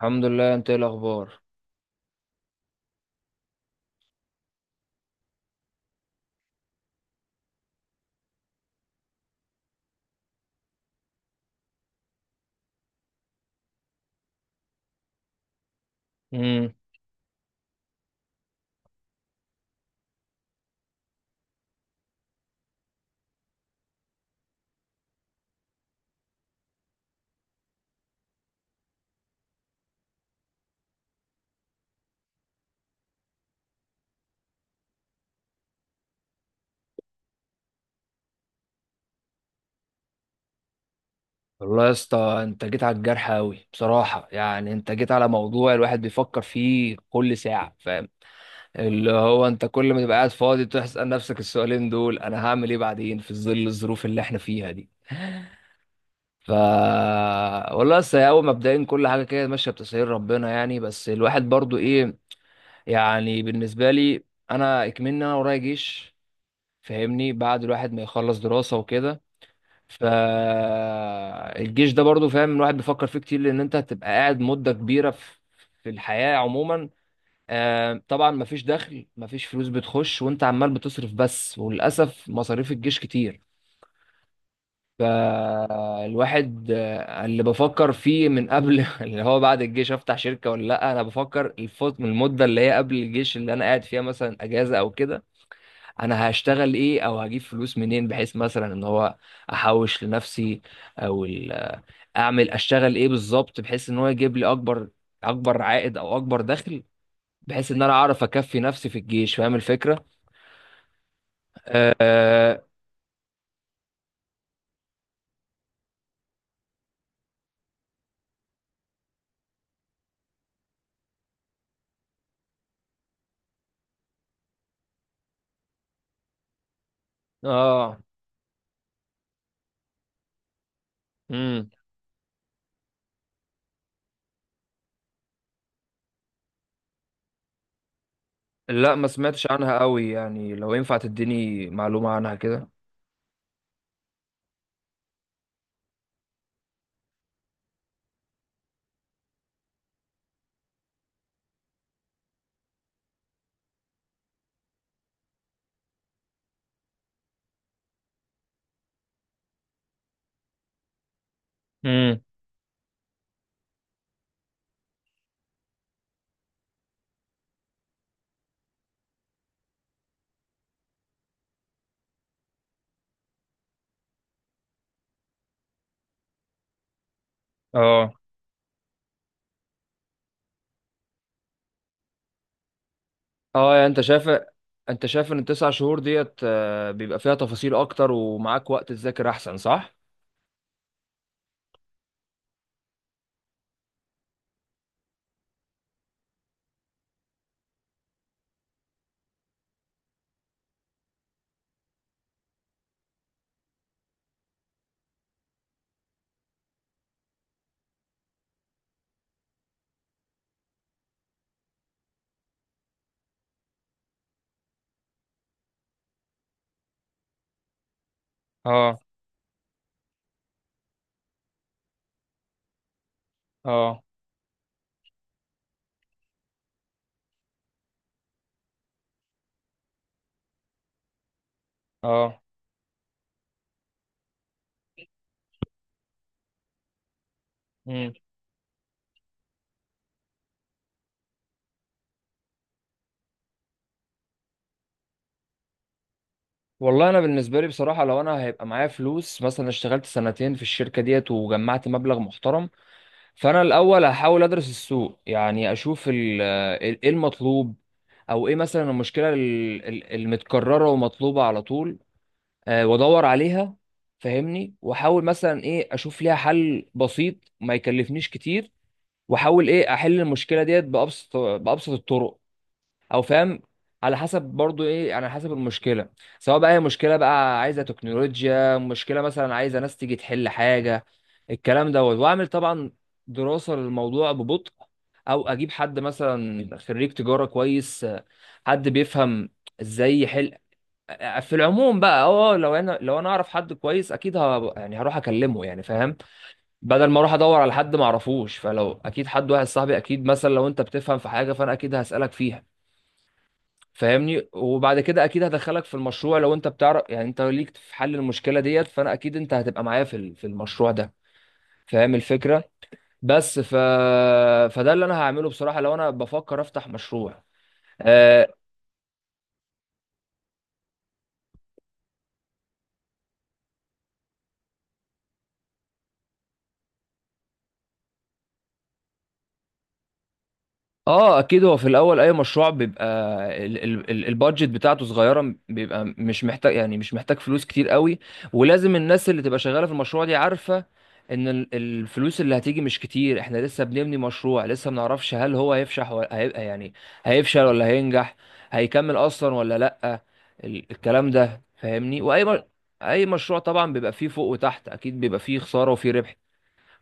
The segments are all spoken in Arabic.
الحمد لله، انت ايه الاخبار؟ امم. والله يا اسطى، انت جيت على الجرح قوي بصراحه، يعني انت جيت على موضوع الواحد بيفكر فيه كل ساعه، فاهم؟ اللي هو انت كل ما تبقى قاعد فاضي تسال نفسك السؤالين دول، انا هعمل ايه بعدين في ظل الظروف اللي احنا فيها دي. ف والله لسه، هي اول مبدئيا كل حاجه كده ماشيه بتسهيل ربنا، يعني بس الواحد برضو ايه، يعني بالنسبه لي انا اكملنا، انا ورايا جيش. فاهمني بعد الواحد ما يخلص دراسه وكده، فالجيش ده برضو، فاهم الواحد بيفكر فيه كتير لان انت هتبقى قاعد مدة كبيرة في الحياة عموما. طبعا مفيش دخل، مفيش فلوس بتخش وانت عمال بتصرف بس، وللأسف مصاريف الجيش كتير. الواحد، اللي بفكر فيه من قبل اللي هو بعد الجيش افتح شركة ولا لا، انا بفكر الفوت من المدة اللي هي قبل الجيش اللي انا قاعد فيها مثلا اجازة او كده. انا هشتغل ايه او هجيب فلوس منين، بحيث مثلا ان هو احوش لنفسي، او اعمل، اشتغل ايه بالظبط بحيث ان هو يجيب لي اكبر عائد، او اكبر دخل، بحيث ان انا اعرف اكفي نفسي في الجيش، فاهم الفكرة؟ اه, آه. امم. لا، ما سمعتش عنها قوي، يعني لو ينفع تديني معلومة عنها كده. امم. اه. اه يعني انت شايف، ان التسع شهور ديت بيبقى فيها تفاصيل اكتر، ومعاك وقت تذاكر احسن، صح؟ اه. اه. اه. امم. والله انا بالنسبه لي بصراحه، لو انا هيبقى معايا فلوس، مثلا اشتغلت سنتين في الشركه ديت وجمعت مبلغ محترم، فانا الاول هحاول ادرس السوق، يعني اشوف ايه المطلوب، او ايه مثلا المشكله المتكرره ومطلوبه على طول، وادور عليها. فاهمني، واحاول مثلا ايه اشوف ليها حل بسيط ما يكلفنيش كتير، واحاول ايه احل المشكله ديت بابسط الطرق، او فاهم، على حسب برضو ايه، يعني على حسب المشكله، سواء بقى هي مشكله بقى عايزه تكنولوجيا، مشكله مثلا عايزه ناس تيجي تحل حاجه، الكلام دوت، واعمل طبعا دراسه للموضوع ببطء، او اجيب حد مثلا خريج تجاره كويس، حد بيفهم ازاي يحل. في العموم بقى، اه، لو انا اعرف حد كويس اكيد يعني هروح اكلمه، يعني فاهم، بدل ما اروح ادور على حد ما اعرفوش. فلو اكيد حد، واحد صاحبي اكيد، مثلا لو انت بتفهم في حاجه فانا اكيد هسالك فيها. فاهمني، وبعد كده اكيد هدخلك في المشروع، لو انت بتعرف يعني، انت ليك في حل المشكله ديت فانا اكيد انت هتبقى معايا في في المشروع ده، فاهم الفكره؟ بس ف، فده اللي انا هعمله بصراحه لو انا بفكر افتح مشروع. آه، اه اكيد، هو في الاول اي مشروع بيبقى البادجت بتاعته صغيره، بيبقى مش محتاج يعني، مش محتاج فلوس كتير قوي. ولازم الناس اللي تبقى شغاله في المشروع دي عارفه ان الفلوس اللي هتيجي مش كتير، احنا لسه بنبني مشروع، لسه ما نعرفش هل هو هيفشح ولا هيبقى، يعني هيفشل ولا هينجح، هيكمل اصلا ولا لا. الكلام ده فاهمني. اي مشروع طبعا بيبقى فيه فوق وتحت، اكيد بيبقى فيه خساره وفيه ربح،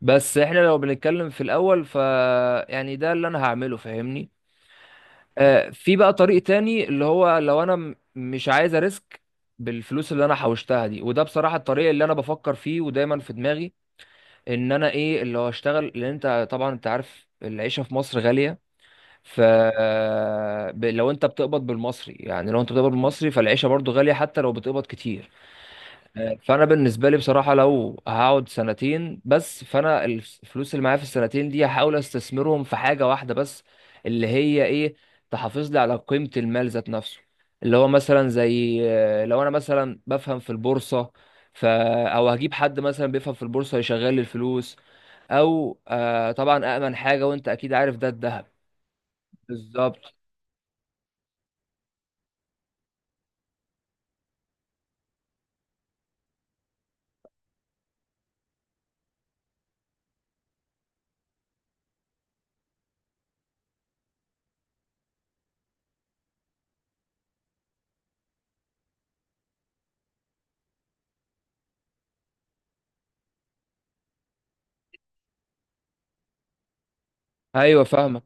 بس احنا لو بنتكلم في الاول، ف يعني ده اللي انا هعمله، فاهمني. في بقى طريق تاني، اللي هو لو انا مش عايز اريسك بالفلوس اللي انا حوشتها دي، وده بصراحة الطريق اللي انا بفكر فيه ودايما في دماغي، ان انا ايه اللي هو اشتغل، لان انت طبعا انت عارف العيشة في مصر غالية. ف لو انت بتقبض بالمصري، يعني لو انت بتقبض بالمصري فالعيشة برضو غالية حتى لو بتقبض كتير. فانا بالنسبه لي بصراحه، لو هقعد سنتين بس، فانا الفلوس اللي معايا في السنتين دي هحاول استثمرهم في حاجه واحده بس، اللي هي ايه، تحافظ لي على قيمه المال ذات نفسه، اللي هو مثلا زي، لو انا مثلا بفهم في البورصه ف، او هجيب حد مثلا بيفهم في البورصه يشغل لي الفلوس، او طبعا امن حاجه وانت اكيد عارف ده، الذهب. بالظبط، ايوه فاهمك.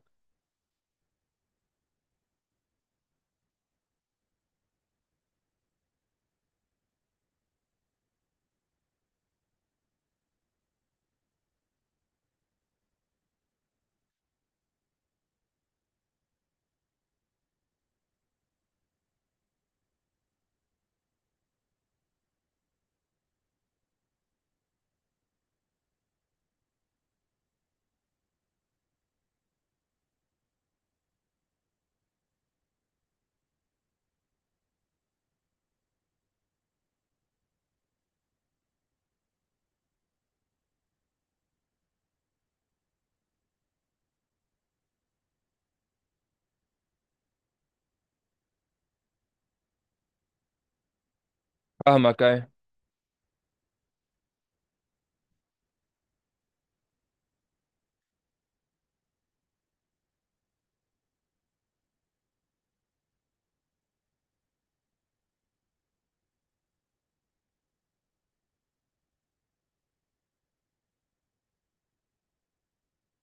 فاهمك، ايوه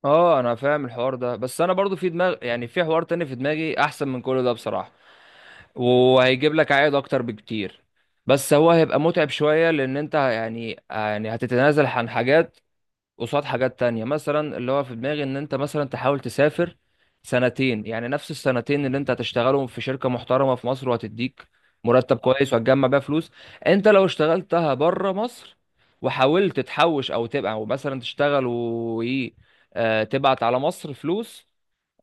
اه، انا فاهم الحوار ده، بس انا برضو في دماغ يعني في حوار تاني في دماغي احسن من كل ده بصراحه، وهيجيب لك عائد اكتر بكتير، بس هو هيبقى متعب شوية، لان انت يعني هتتنازل عن حاجات قصاد حاجات تانية، مثلا اللي هو في دماغي ان انت مثلا تحاول تسافر سنتين، يعني نفس السنتين اللي انت هتشتغلهم في شركة محترمة في مصر وهتديك مرتب كويس وهتجمع بيها فلوس. انت لو اشتغلتها بره مصر، وحاولت تحوش او تبقى او مثلا تشتغل و تبعت على مصر فلوس،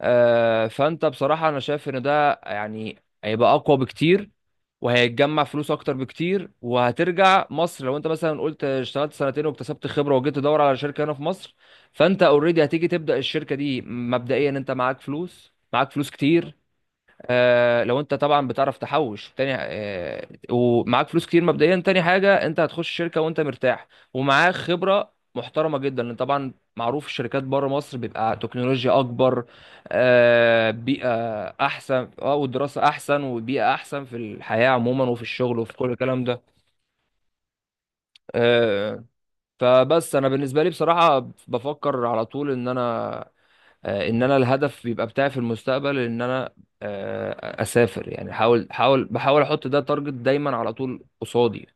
فانت بصراحة انا شايف ان ده يعني هيبقى اقوى بكتير، وهيتجمع فلوس اكتر بكتير. وهترجع مصر لو انت مثلا قلت اشتغلت سنتين واكتسبت خبرة، وجيت تدور على شركة هنا في مصر، فانت اوريدي هتيجي تبدأ الشركة دي مبدئيا انت معاك فلوس كتير. لو انت طبعا بتعرف تحوش تاني، ومعاك فلوس كتير مبدئيا، تاني حاجة انت هتخش شركة وانت مرتاح ومعاك خبرة محترمة جدا، لان طبعا معروف الشركات بره مصر بيبقى تكنولوجيا اكبر، بيئة احسن، اه والدراسة احسن وبيئة احسن في الحياة عموما وفي الشغل وفي كل الكلام ده. آه فبس انا بالنسبة لي بصراحة بفكر على طول ان انا، ان انا الهدف بيبقى بتاعي في المستقبل ان انا اسافر، يعني حاول حاول بحاول احط ده تارجت دايما على طول قصادي.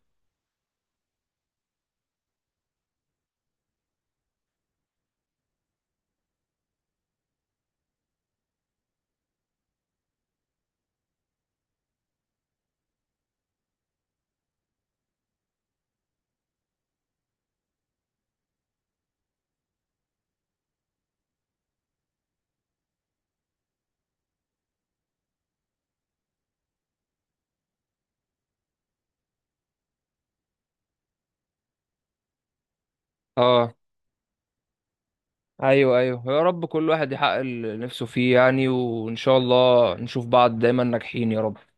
اه، ايوه ايوه، يا رب كل واحد يحقق اللي نفسه فيه، يعني وان شاء الله نشوف بعض دايما ناجحين يا رب.